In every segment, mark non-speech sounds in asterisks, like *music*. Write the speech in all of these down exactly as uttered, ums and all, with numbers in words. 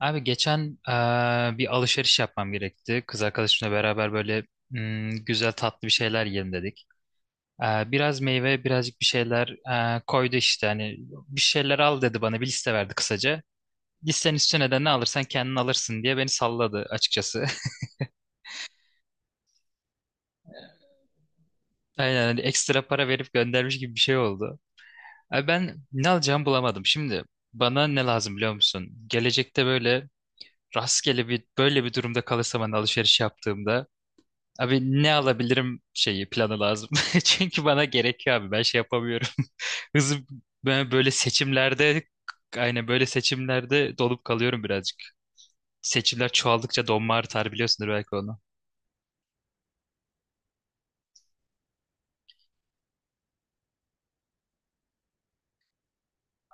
Abi geçen eee, bir alışveriş yapmam gerekti. Kız arkadaşımla beraber böyle mm, güzel tatlı bir şeyler yiyelim dedik. Eee, biraz meyve, birazcık bir şeyler eee, koydu işte. Hani bir şeyler al dedi, bana bir liste verdi kısaca. Listenin üstüne de ne alırsan kendin alırsın diye beni salladı açıkçası. *laughs* Aynen, hani ekstra para verip göndermiş gibi bir şey oldu. Abi ben ne alacağımı bulamadım. Şimdi bana ne lazım biliyor musun? Gelecekte böyle rastgele bir böyle bir durumda kalırsam, hani alışveriş yaptığımda, abi ne alabilirim şeyi, planı lazım. *laughs* Çünkü bana gerekiyor abi, ben şey yapamıyorum. *laughs* Hızım, ben böyle seçimlerde, aynen böyle seçimlerde dolup kalıyorum birazcık. Seçimler çoğaldıkça donma artar, biliyorsundur belki onu.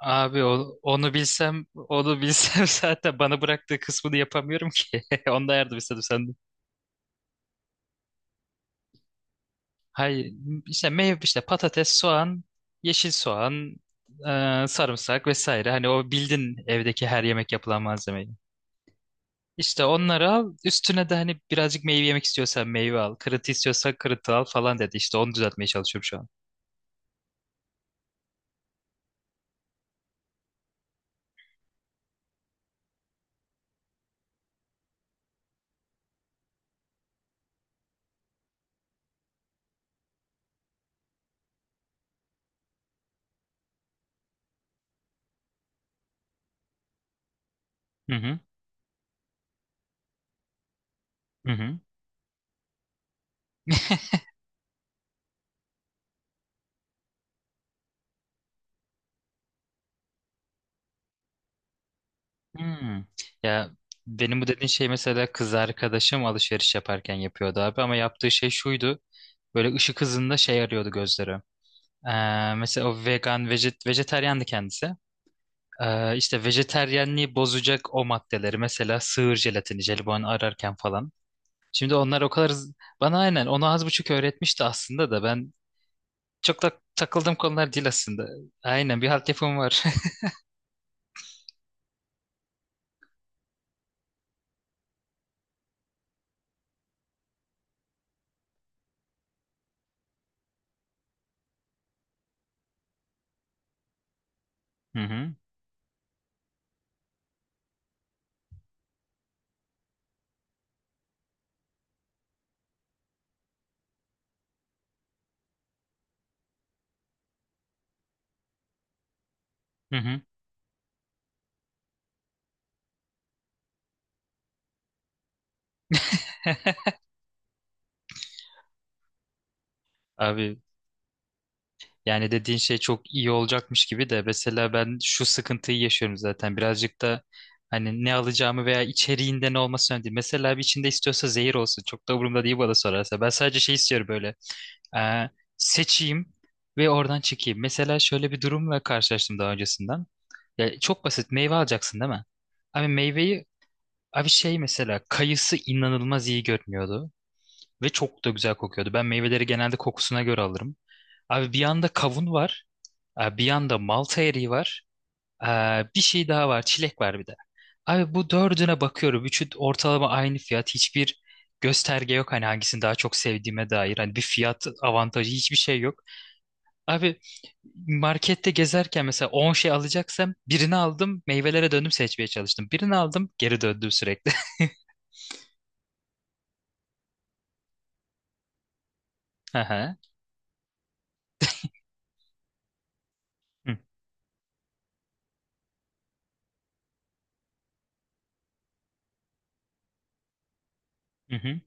Abi o- onu bilsem, onu bilsem *laughs* zaten bana bıraktığı kısmını yapamıyorum ki. *laughs* Ondan yardım istedim senden. Hayır, işte meyve, işte patates, soğan, yeşil soğan, e, sarımsak vesaire. Hani o bildin evdeki her yemek yapılan malzemeyi. İşte onları al. Üstüne de hani birazcık meyve yemek istiyorsan meyve al. Kırıntı istiyorsan kırıntı al falan dedi. İşte onu düzeltmeye çalışıyorum şu an. Hı hı. Hı hı. Hmm. Ya, benim bu dediğin şey mesela kız arkadaşım alışveriş yaparken yapıyordu abi, ama yaptığı şey şuydu. Böyle ışık hızında şey arıyordu gözleri. Ee, mesela o vegan, vejet, vejetaryandı kendisi. Ee, işte vejetaryenliği bozacak o maddeleri, mesela sığır jelatini, jelibon ararken falan. Şimdi onlar o kadar hız- bana aynen onu az buçuk öğretmişti aslında da ben çok da takıldığım konular değil aslında. Aynen, bir halt yapım var. *laughs* Hı hı. Hı hı. Abi yani dediğin şey çok iyi olacakmış gibi de, mesela ben şu sıkıntıyı yaşıyorum zaten birazcık da, hani ne alacağımı veya içeriğinde ne olması önemli değil. Mesela bir, içinde istiyorsa zehir olsun, çok da umurumda değil bana sorarsa. Ben sadece şey istiyorum böyle, Ee, seçeyim ve oradan çekeyim. Mesela şöyle bir durumla karşılaştım daha öncesinden. Ya çok basit, meyve alacaksın değil mi? Abi meyveyi, abi şey mesela kayısı inanılmaz iyi görünüyordu ve çok da güzel kokuyordu. Ben meyveleri genelde kokusuna göre alırım. Abi bir yanda kavun var, e, bir yanda malta eriği var, e, bir şey daha var, çilek var bir de. Abi bu dördüne bakıyorum. Üçü ortalama aynı fiyat. Hiçbir gösterge yok hani hangisini daha çok sevdiğime dair. Hani bir fiyat avantajı, hiçbir şey yok. Abi markette gezerken mesela on şey alacaksam, birini aldım, meyvelere döndüm, seçmeye çalıştım. Birini aldım, geri döndüm sürekli. *laughs* Hı hı. Hı hı.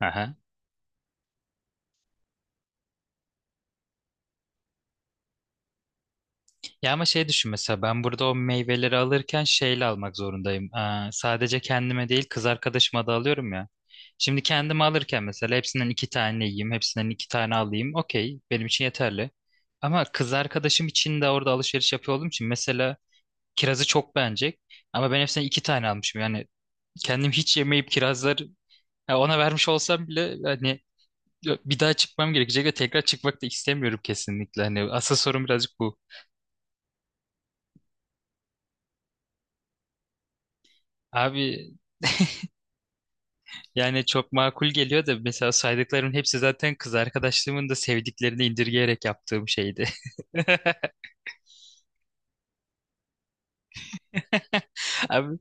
Aha. Ya ama şey düşün, mesela ben burada o meyveleri alırken şeyle almak zorundayım. Aa, sadece kendime değil, kız arkadaşıma da alıyorum ya. Şimdi kendime alırken mesela hepsinden iki tane yiyeyim, hepsinden iki tane alayım. Okey, benim için yeterli. Ama kız arkadaşım için de orada alışveriş yapıyor olduğum için mesela kirazı çok beğenecek. Ama ben hepsinden iki tane almışım. Yani kendim hiç yemeyip kirazları ya ona vermiş olsam bile, hani bir daha çıkmam gerekecek ve tekrar çıkmak da istemiyorum kesinlikle. Hani asıl sorun birazcık bu. Abi, yani çok makul geliyor da, mesela saydıklarımın hepsi zaten kız arkadaşlığımın da sevdiklerini indirgeyerek yaptığım şeydi. *laughs* Abi,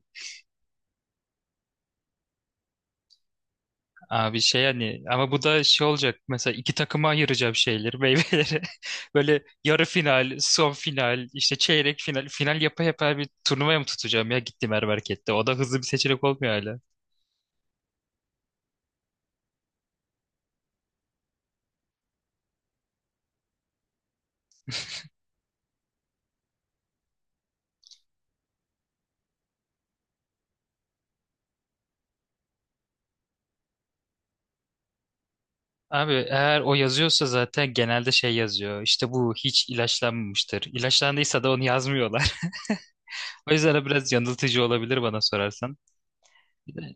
abi şey hani, ama bu da şey olacak mesela. İki takıma ayıracağım şeyleri, meyveleri, *laughs* böyle yarı final, son final, işte çeyrek final, final yapa yapa bir turnuvaya mı tutacağım ya? Gittim her markette, o da hızlı bir seçenek olmuyor hala. Abi, eğer o yazıyorsa zaten genelde şey yazıyor. İşte bu hiç ilaçlanmamıştır. İlaçlandıysa da onu yazmıyorlar. *laughs* O yüzden o biraz yanıltıcı olabilir bana sorarsan. Bir de,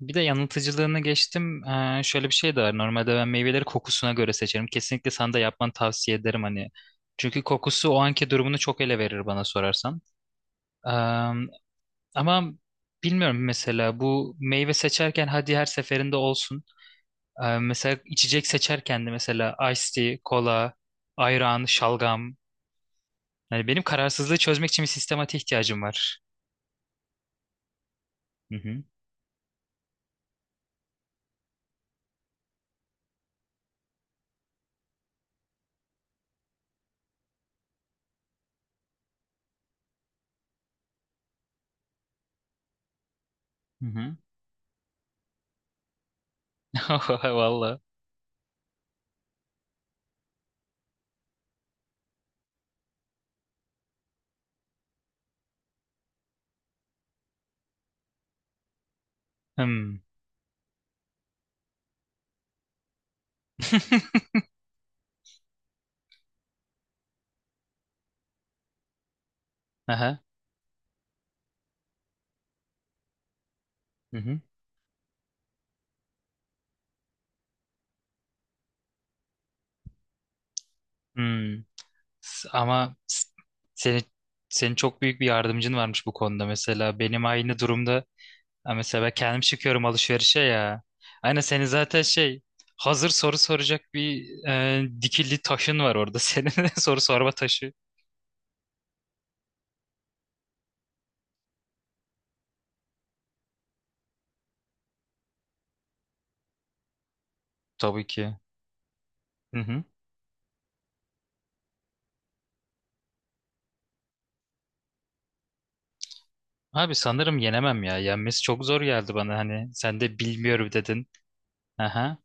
bir de yanıltıcılığını geçtim. Ee, şöyle bir şey de var. Normalde ben meyveleri kokusuna göre seçerim. Kesinlikle sana da yapmanı tavsiye ederim hani. Çünkü kokusu o anki durumunu çok ele verir bana sorarsan. Ee, ama bilmiyorum, mesela bu meyve seçerken hadi her seferinde olsun. Ee, mesela içecek seçerken de, mesela iced tea, kola, ayran, şalgam. Yani benim kararsızlığı çözmek için bir sistematiğe ihtiyacım var. Hı hı. Hı hı. *laughs* Valla. Hmm. *laughs* Aha. Hı hı. Hmm. S- Ama s- senin senin çok büyük bir yardımcın varmış bu konuda mesela. Benim aynı durumda, ha mesela ben kendim çıkıyorum alışverişe ya. Aynen, senin zaten şey, hazır soru soracak bir e, dikili taşın var orada. *laughs* Senin de soru sorma taşı. Tabii ki. Hı hı. Abi sanırım yenemem ya. Yenmesi çok zor geldi bana hani. Sen de bilmiyorum dedin. Aha.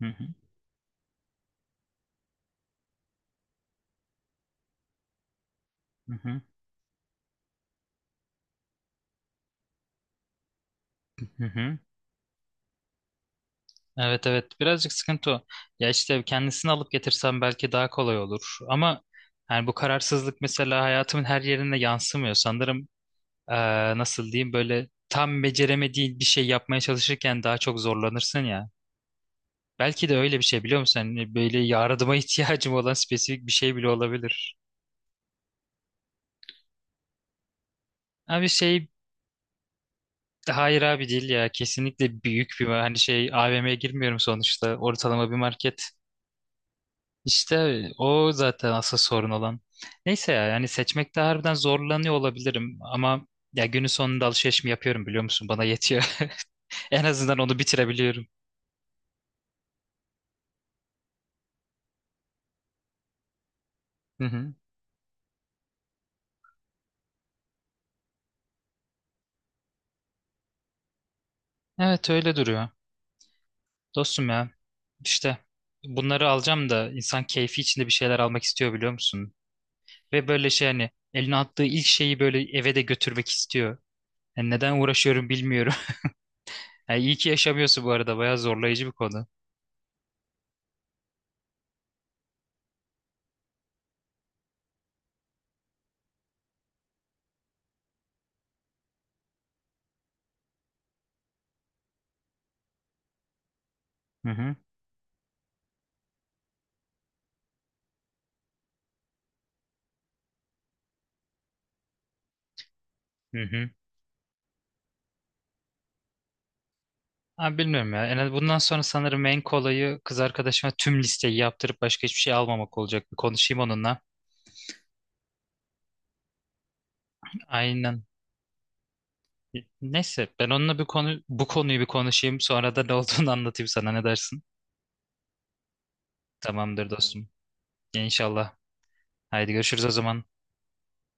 Hı hı. Hı hı. Hı hı. Evet, evet, birazcık sıkıntı o. Ya işte kendisini alıp getirsem belki daha kolay olur. Ama yani bu kararsızlık mesela hayatımın her yerine yansımıyor. Sanırım eee, nasıl diyeyim, böyle tam beceremediğin bir şey yapmaya çalışırken daha çok zorlanırsın ya. Belki de öyle bir şey, biliyor musun? Hani böyle yardıma *laughs* ihtiyacım olan spesifik bir şey bile olabilir. Abi şey, hayır abi, değil ya. Kesinlikle büyük bir, hani şey, A V M'ye girmiyorum sonuçta. Ortalama bir market. İşte o zaten asıl sorun olan. Neyse ya, yani seçmekte harbiden zorlanıyor olabilirim ama ya, günün sonunda alışveriş mi yapıyorum biliyor musun? Bana yetiyor. *laughs* En azından onu bitirebiliyorum. Hı hı. Evet, öyle duruyor. Dostum ya, işte bunları alacağım da insan keyfi içinde bir şeyler almak istiyor biliyor musun? Ve böyle şey, hani eline attığı ilk şeyi böyle eve de götürmek istiyor. Yani neden uğraşıyorum bilmiyorum. Yani iyi ki yaşamıyorsun bu arada. Bayağı zorlayıcı bir konu. Hı hı. Hı hı. Abi bilmiyorum ya. En az bundan sonra sanırım en kolayı, kız arkadaşıma tüm listeyi yaptırıp başka hiçbir şey almamak olacak. Bir konuşayım onunla. Aynen. Neyse, ben onunla bir konu bu konuyu bir konuşayım. Sonra da ne olduğunu *laughs* anlatayım sana. Ne dersin? Tamamdır dostum. İnşallah. Haydi görüşürüz o zaman.